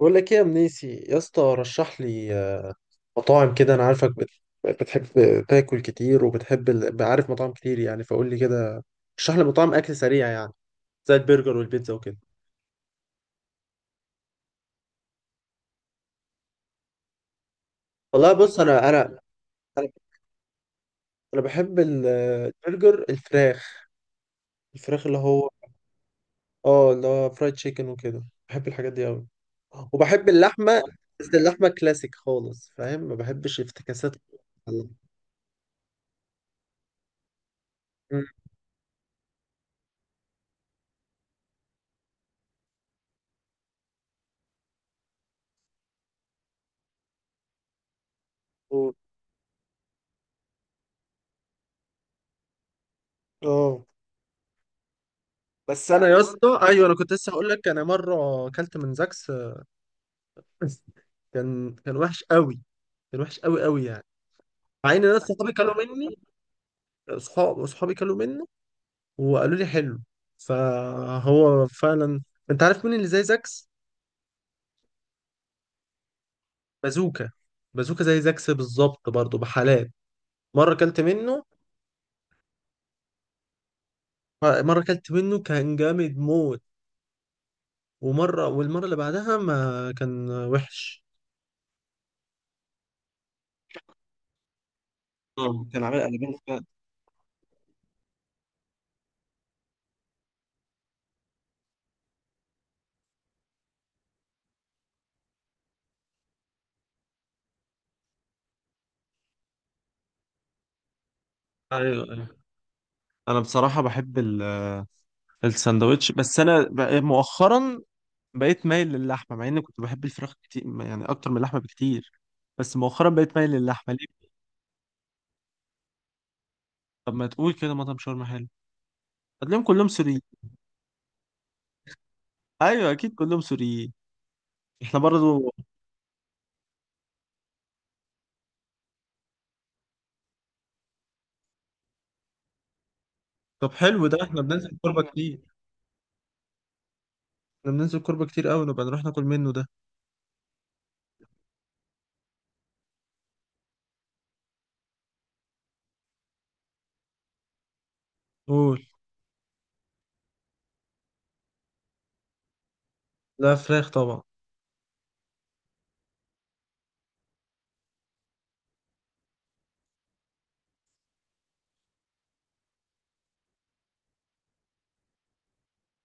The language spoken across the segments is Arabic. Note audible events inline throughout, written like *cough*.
بقول لك ايه يا منيسي يا اسطى رشح لي مطاعم كده. انا عارفك بتحب تاكل كتير وبتحب عارف مطاعم كتير يعني، فقول لي كده. رشح لي مطاعم اكل سريع يعني، زي البرجر والبيتزا وكده. والله بص، انا انا انا أنا بحب البرجر الفراخ، الفراخ اللي هو اه اللي هو فرايد تشيكن وكده. بحب الحاجات دي قوي، وبحب اللحمه. بس اللحمه كلاسيك خالص، فاهم؟ ما بحبش افتكاسات اللحمة. مم. اه، بس انا يا اسطى، ايوه انا كنت لسه هقول لك، انا مره اكلت من زاكس *laughs* كان وحش قوي، كان وحش قوي قوي يعني. مع ان ناس صحابي كلوا مني، صحاب صحابي كلوا منه وقالوا لي حلو، فهو فعلا. انت عارف مين اللي زي زاكس؟ بازوكا. بازوكا زي زاكس بالظبط برضه بحالات. مره اكلت منه، مره اكلت منه كان جامد موت، ومره والمره اللي بعدها ما كان وحش. كان عامل قلبين فعلا. ايوه ايوه، انا بصراحه بحب الساندوتش، بس انا مؤخرا بقيت مايل للحمه، مع اني كنت بحب الفراخ كتير يعني اكتر من اللحمه بكتير. بس مؤخرا بقيت مايل للحمه، ليه؟ طب ما تقول كده مطعم شاورما حلو. هتلاقيهم كلهم سوريين. ايوه اكيد كلهم سوريين، احنا برضو. طب حلو، ده احنا بننزل كوربه كتير، احنا بننزل كوربه كتير قوي، نبقى نروح ناكل منه ده. قول. لا فراخ طبعا.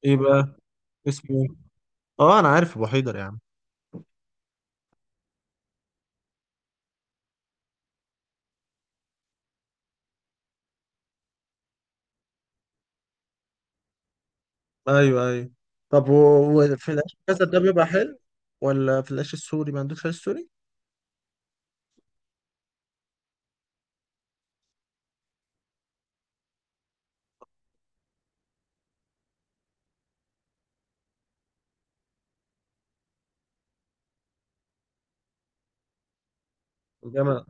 ايه بقى، اسمه إيه؟ اه انا عارف ابو حيدر يا عم. ايوه ايوه. طب وفي العيش الأسد ده بيبقى حلو ولا في العيش السوري؟ ما عندوش عيش سوري؟ جامد.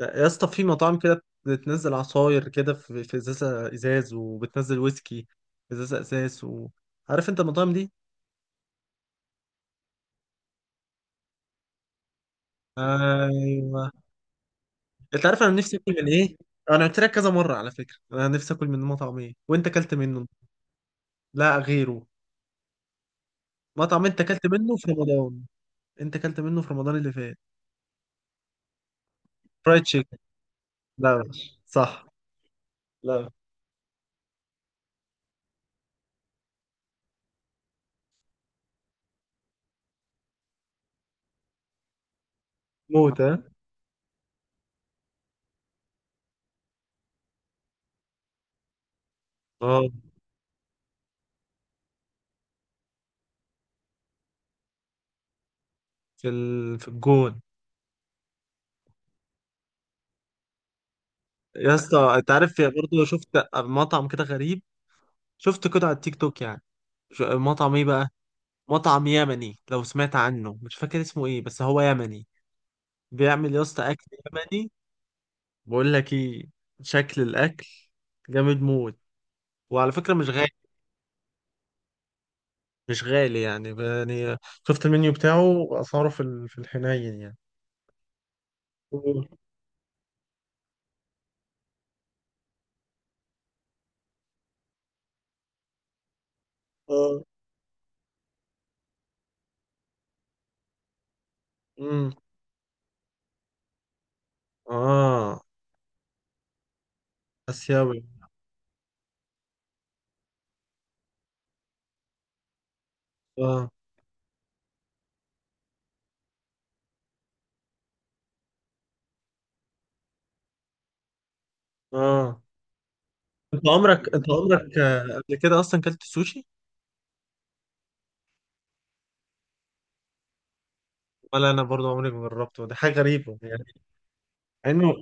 يا اسطى في مطاعم كده بتنزل عصاير كده في في ازازه ازاز، وبتنزل ويسكي في ازازه ازاز و... عارف انت المطاعم دي؟ ايوه. انت عارف انا نفسي اكل من ايه؟ انا قلت لك كذا مره على فكره، انا نفسي اكل من مطعم ايه وانت اكلت منه. لا غيره. مطعم انت اكلت منه في رمضان، انت اكلت منه في رمضان اللي فات. فرايد تشيكن. لا وحش. صح. لا. موت ها. اه، في ال... في الجون. يا اسطى انت عارف برضه، شفت مطعم كده غريب، شفته كده على التيك توك يعني. مطعم ايه بقى، مطعم يمني. لو سمعت عنه، مش فاكر اسمه ايه، بس هو يمني. بيعمل يا اسطى اكل يمني. بقول لك ايه، شكل الاكل جامد موت، وعلى فكره مش غالي. مش غالي يعني يعني شفت المنيو بتاعه، اسعاره في في الحنين يعني. أوه. اه. امم. اه. اسيوي. اه. اه، انت عمرك، انت عمرك قبل كده اصلا كلت سوشي؟ ولا انا برضو عمري ما جربته، دي حاجه غريبه يعني. مع انه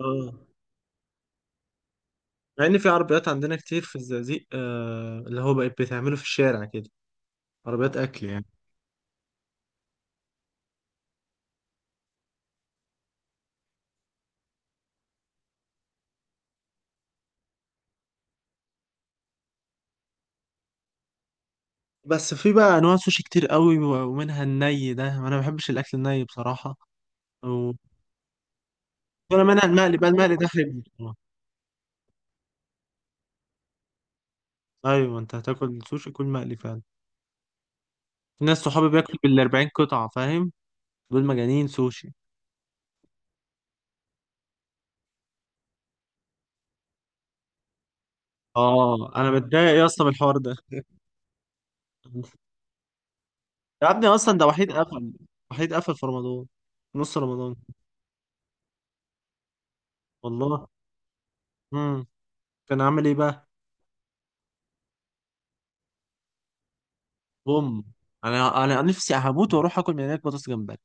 اه، مع ان في عربيات عندنا كتير في الزقازيق آه، اللي هو بقت بتعمله في الشارع كده، عربيات اكل يعني. بس في بقى انواع سوشي كتير قوي ومنها الني، ده انا ما بحبش الاكل الني بصراحه. و- ولا منها المقلي بقى، المقلي ده حلو بصراحة. ايوه، انت هتاكل سوشي كل مقلي فعلا. في ناس صحابي بياكلوا بال 40 قطعه فاهم، دول مجانين سوشي. اه، انا متضايق يا اسطى من الحوار ده. *laughs* يا ابني اصلا ده وحيد قفل، وحيد قفل في رمضان، نص رمضان. والله. امم. كان عامل ايه بقى؟ بوم، انا انا نفسي هموت واروح اكل من هناك بطاطس جمبري.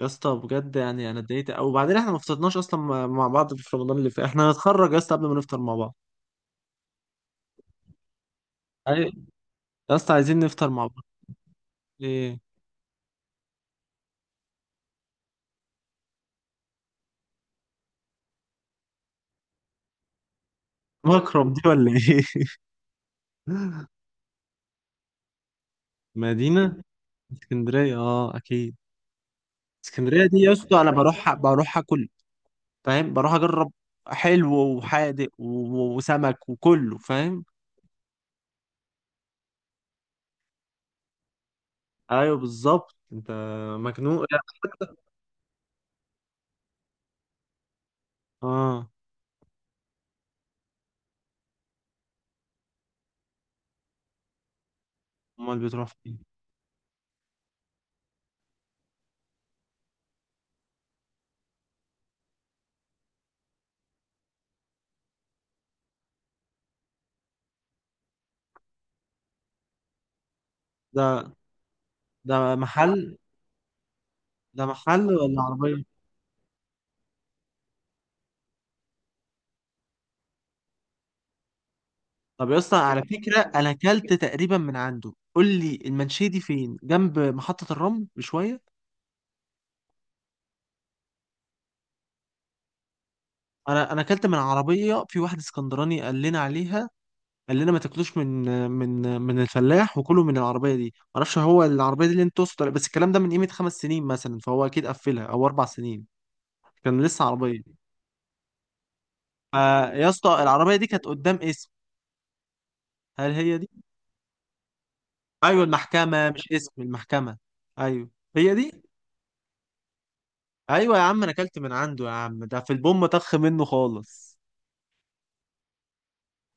يا اسطى بجد يعني انا اتضايقت قوي، وبعدين احنا ما فطرناش اصلا مع بعض في رمضان اللي فات. احنا هنتخرج يا اسطى قبل ما نفطر مع بعض. ايوه. يا اسطى عايزين نفطر مع بعض. ايه. مكرم دي ولا ايه؟ *laughs* مدينة. اسكندرية. اه اكيد. اسكندرية دي يا اسطى انا بروح، بروح اكل، فاهم، بروح اجرب حلو وحادق وسمك وكله، فاهم. ايوه بالظبط انت مجنون. اه، امال بتروح فين؟ ده ده محل. ده محل ولا عربية؟ طب يا اسطى على فكرة انا اكلت تقريبا من عنده. قول لي المنشية دي فين، جنب محطة الرمل بشوية؟ انا انا اكلت من عربية، في واحد اسكندراني قال لنا عليها، قال لنا ما تاكلوش من من الفلاح، وكلوا من العربية دي. ما اعرفش هو العربية دي اللي انت تقصد بس الكلام ده من قيمة خمس سنين مثلا، فهو اكيد قفلها، او اربع سنين. كان لسه عربية. فيا اسطى العربية دي كانت قدام اسم، هل هي دي؟ ايوه المحكمة، مش اسم المحكمة. ايوه هي دي. ايوه يا عم انا اكلت من عنده يا عم، ده في البوم طخ منه خالص.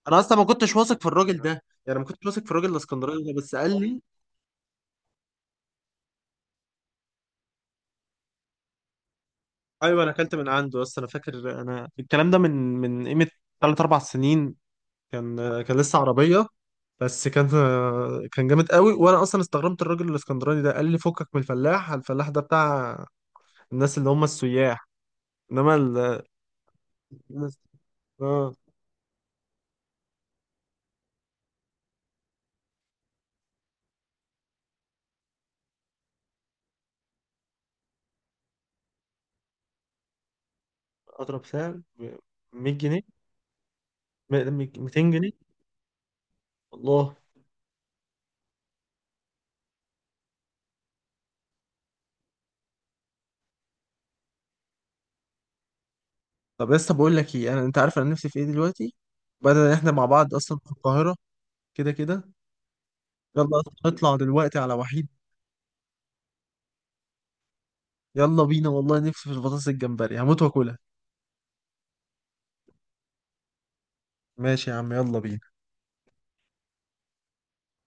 انا اصلا ما كنتش واثق في الراجل ده، يعني ما كنتش واثق في الراجل الاسكندراني ده، بس قال لي. ايوه انا اكلت من عنده، بس انا فاكر انا الكلام ده من قيمه ثلاث اربع سنين. كان كان لسه عربيه، بس كان جامد قوي. وانا اصلا استغربت الراجل الاسكندراني ده، قال لي فكك من الفلاح، الفلاح ده بتاع الناس اللي هم السياح، انما ال... الناس- اه اضرب سعر ب 100 جنيه م- 200 جنيه. والله. طب لسه بقول لك ايه، انا انت عارف انا نفسي في ايه دلوقتي؟ بدل ان احنا مع بعض اصلا في القاهره، كده كده يلا أصلاً نطلع دلوقتي على وحيد. يلا بينا والله، نفسي في البطاطس الجمبري هموت واكلها. ماشي يا عم، يلا بينا.